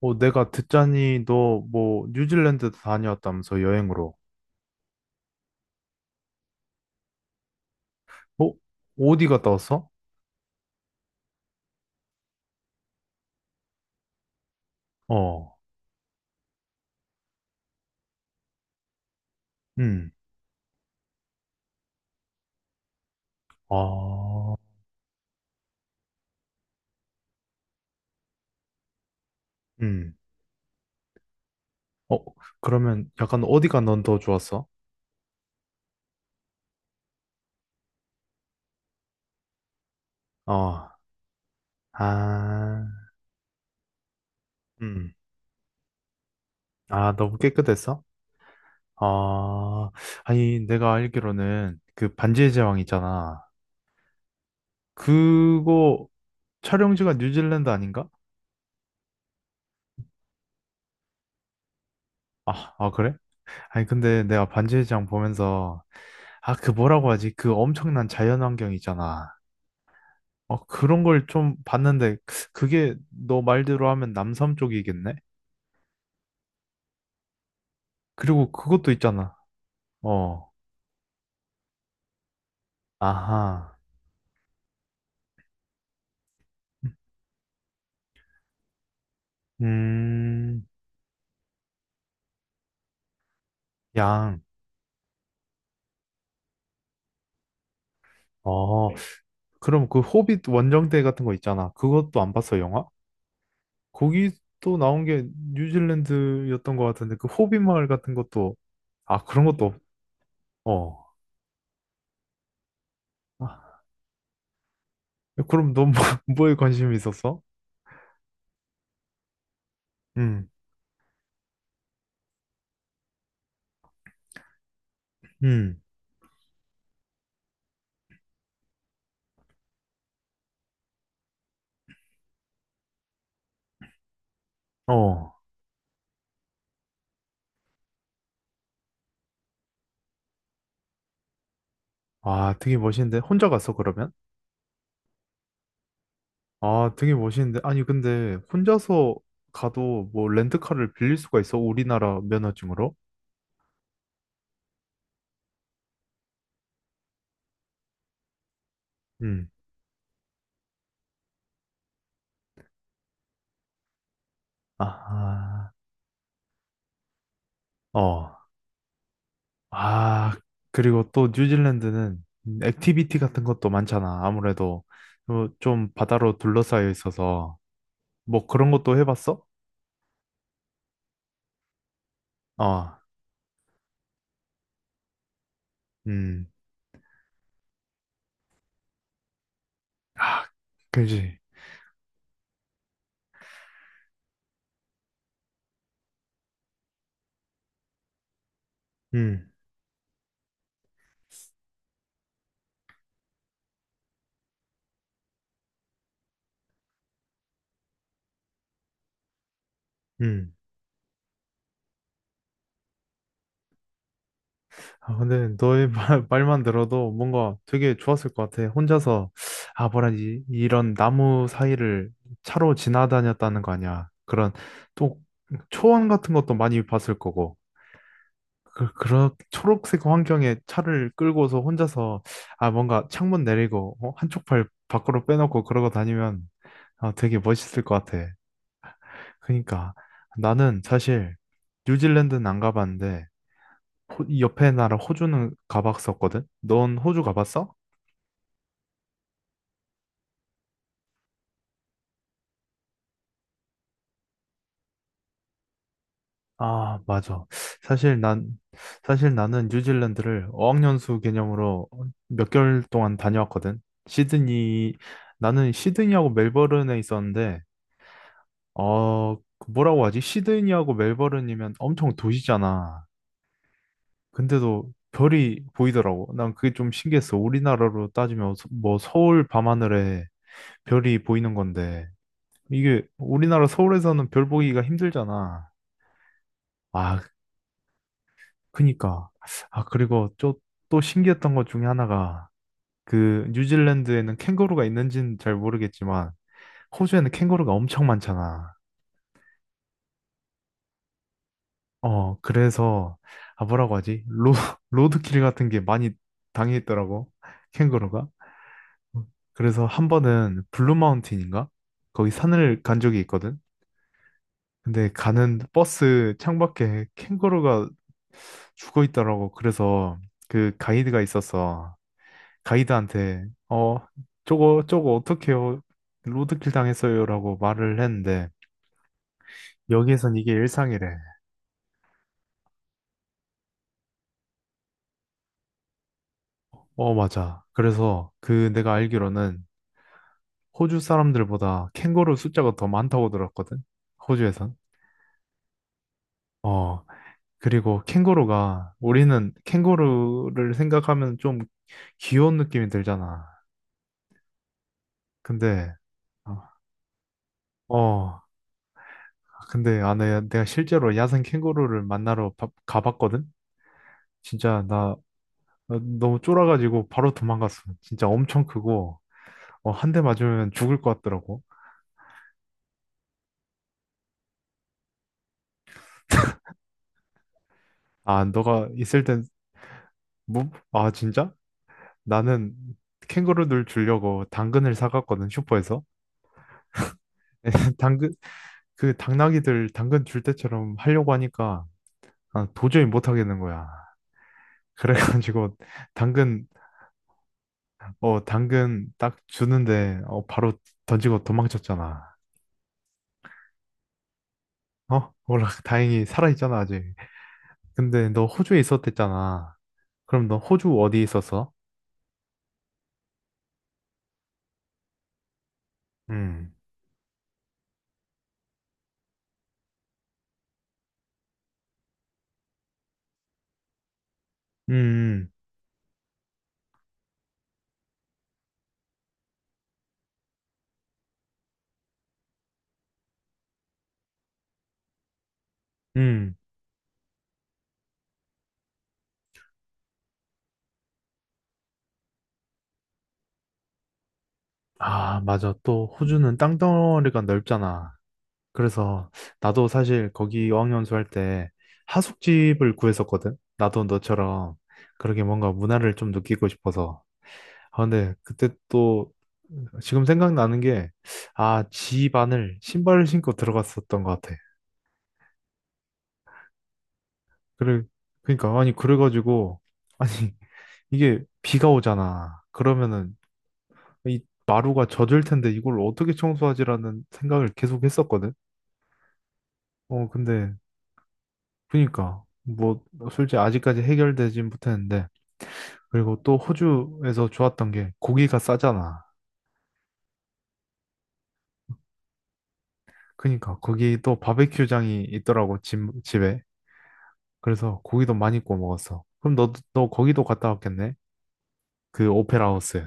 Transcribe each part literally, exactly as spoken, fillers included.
어, 내가 듣자니 너 뭐 뉴질랜드도 다녀왔다면서 여행으로. 어? 어디 갔다 왔어? 어. 음. 아. 음. 어, 그러면 약간 어디가 넌 더 좋았어? 어. 아. 음. 아, 너무 깨끗했어? 아. 아니, 내가 알기로는 그 반지의 제왕 있잖아. 그거 촬영지가 뉴질랜드 아닌가? 아, 아 그래? 아니, 근데 내가 반지의 제왕 보면서, 아, 그 뭐라고 하지? 그 엄청난 자연환경 있잖아. 어, 그런 걸 좀 봤는데, 그게 너 말대로 하면 남섬 쪽이겠네? 그리고 그것도 있잖아. 어, 아하. 음, 양. 어, 네. 그럼 그 호빗 원정대 같은 거 있잖아. 그것도 안 봤어, 영화? 거기 또 나온 게 뉴질랜드였던 것 같은데, 그 호빗 마을 같은 것도, 아, 그런 것도, 없- 어. 아, 그럼 넌 뭐, 뭐에 관심이 있었어? 음, 음, 어. 아, 되게 멋있는데. 혼자 갔어, 그러면? 아, 되게 멋있는데. 아니, 근데 혼자서 가도 뭐 렌트카를 빌릴 수가 있어? 우리나라 면허증으로? 음. 아, 아, 어. 아, 그리고 또 뉴질랜드는 액티비티 같은 것도 많잖아. 아무래도 어, 좀 바다로 둘러싸여 있어서. 뭐 그런 것도 해봤어? 어, 음. 아, 그지. 음, 음. 아, 근데 너의 말, 말만 들어도 뭔가 되게 좋았을 것 같아. 혼자서, 아, 뭐라지, 이런 나무 사이를 차로 지나다녔다는 거 아니야. 그런, 또, 초원 같은 것도 많이 봤을 거고. 그, 그런 초록색 환경에 차를 끌고서 혼자서, 아, 뭔가 창문 내리고, 어? 한쪽 팔 밖으로 빼놓고 그러고 다니면, 아, 되게 멋있을 것 같아. 그러니까, 나는 사실, 뉴질랜드는 안 가봤는데, 호- 이 옆에 나라 호주는 가봤었거든? 넌 호주 가봤어? 아, 맞아. 사실 난, 사실 나는 뉴질랜드를 어학연수 개념으로 몇 개월 동안 다녀왔거든? 시드니, 나는 시드니하고 멜버른에 있었는데, 어, 그 뭐라고 하지? 시드니하고 멜버른이면 엄청 도시잖아. 근데도 별이 보이더라고. 난 그게 좀 신기했어. 우리나라로 따지면 서- 뭐 서울 밤하늘에 별이 보이는 건데. 이게 우리나라 서울에서는 별 보기가 힘들잖아. 아, 그니까. 아, 그리고 또, 또 신기했던 것 중에 하나가 그 뉴질랜드에는 캥거루가 있는지는 잘 모르겠지만 호주에는 캥거루가 엄청 많잖아. 어, 그래서 아, 뭐라고 하지? 로, 로드킬 같은 게 많이 당했더라고. 캥거루가. 그래서 한 번은 블루 마운틴인가? 거기 산을 간 적이 있거든. 근데 가는 버스 창밖에 캥거루가 죽어 있더라고. 그래서 그 가이드가 있었어. 가이드한테 어 저거 저거 어떡해요? 로드킬 당했어요라고 말을 했는데 여기에선 이게 일상이래. 어 맞아. 그래서 그 내가 알기로는 호주 사람들보다 캥거루 숫자가 더 많다고 들었거든. 호주에선. 어 그리고 캥거루가 우리는 캥거루를 생각하면 좀 귀여운 느낌이 들잖아. 근데 어, 어, 근데 아, 내, 내가 실제로 야생 캥거루를 만나러 바- 가봤거든? 진짜 나 어, 너무 쫄아가지고 바로 도망갔어. 진짜 엄청 크고, 어, 한 대 맞으면 죽을 것 같더라고. 아, 너가 있을 땐, 뭐, 아, 진짜? 나는 캥거루들 주려고 당근을 사갔거든, 슈퍼에서. 당근, 그 당나귀들 당근 줄 때처럼 하려고 하니까 아, 도저히 못 하겠는 거야. 그래가지고 당근 어, 당근 딱 주는데, 어, 바로 던지고 도망쳤잖아. 어? 몰라, 다행히 살아있잖아, 아직. 근데 너 호주에 있었댔잖아. 그럼 너 호주 어디 있었어? 음, 음, 음. 아, 맞아. 또 호주는 땅덩어리가 넓잖아. 그래서 나도 사실 거기 어학연수 할 때 하숙집을 구했었거든. 나도 너처럼 그렇게 뭔가 문화를 좀 느끼고 싶어서. 아, 근데 그때 또 지금 생각나는 게, 아, 지반을 신발을 신고 들어갔었던 것 같아. 그래, 그러니까, 아니, 그래가지고, 아니, 이게 비가 오잖아. 그러면은 이 마루가 젖을 텐데 이걸 어떻게 청소하지라는 생각을 계속 했었거든. 어, 근데, 그러니까, 뭐, 솔직히 아직까지 해결되진 못했는데, 그리고 또 호주에서 좋았던 게 고기가 싸잖아. 그러니까, 거기 또 바베큐장이 있더라고, 집, 집에. 그래서 고기도 많이 구워 먹었어. 그럼 너, 너 거기도 갔다 왔겠네? 그 오페라 하우스.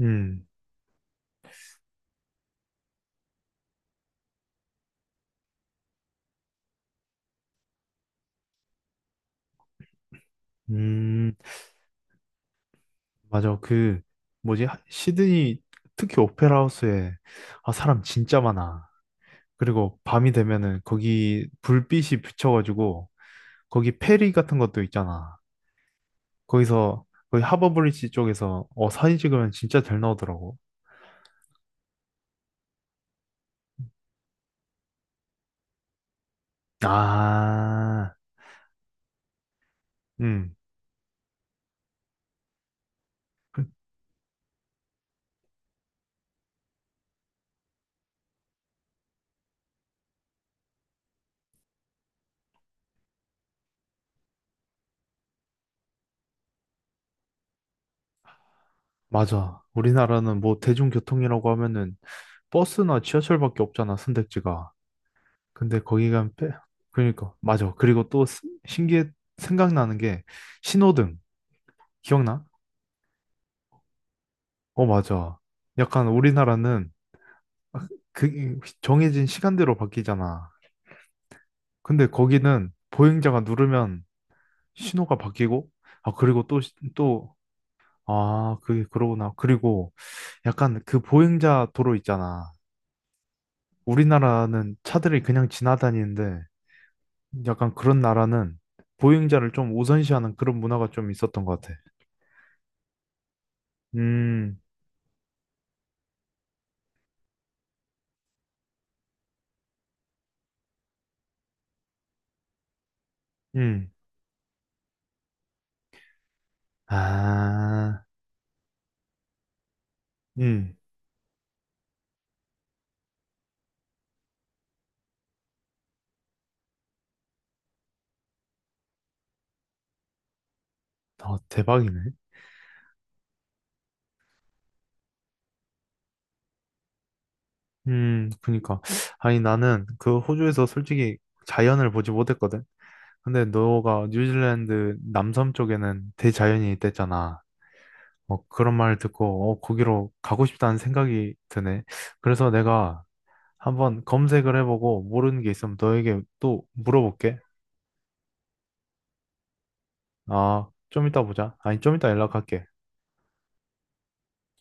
음, 음, 맞아. 그, 뭐지? 하- 시드니, 특히 오페라 하우스에, 아, 사람 진짜 많아. 그리고 밤이 되면은 거기 불빛이 비춰가지고, 거기 페리 같은 것도 있잖아. 거기서, 거기 하버브리지 쪽에서, 어, 사진 찍으면 진짜 잘 나오더라고. 아, 음, 맞아. 우리나라는 뭐 대중교통이라고 하면은 버스나 지하철밖에 없잖아, 선택지가. 근데 거기 가면 빼. 그러니까 맞아. 그리고 또 스- 신기해 생각나는 게 신호등. 기억나? 어, 맞아. 약간 우리나라는 그 정해진 시간대로 바뀌잖아. 근데 거기는 보행자가 누르면 신호가 바뀌고 아 그리고 또또 아, 그게 그러구나. 그리고 약간 그 보행자 도로 있잖아. 우리나라는 차들이 그냥 지나다니는데 약간 그런 나라는 보행자를 좀 우선시하는 그런 문화가 좀 있었던 것 같아. 음, 음, 아, 음, 어, 대박이네. 음, 그니까. 아니, 나는 그 호주에서 솔직히 자연을 보지 못했거든. 근데 너가 뉴질랜드 남섬 쪽에는 대자연이 있댔잖아. 뭐 그런 말을 듣고, 어, 거기로 가고 싶다는 생각이 드네. 그래서 내가 한번 검색을 해보고 모르는 게 있으면 너에게 또 물어볼게. 아, 좀 이따 보자. 아니, 좀 이따 연락할게.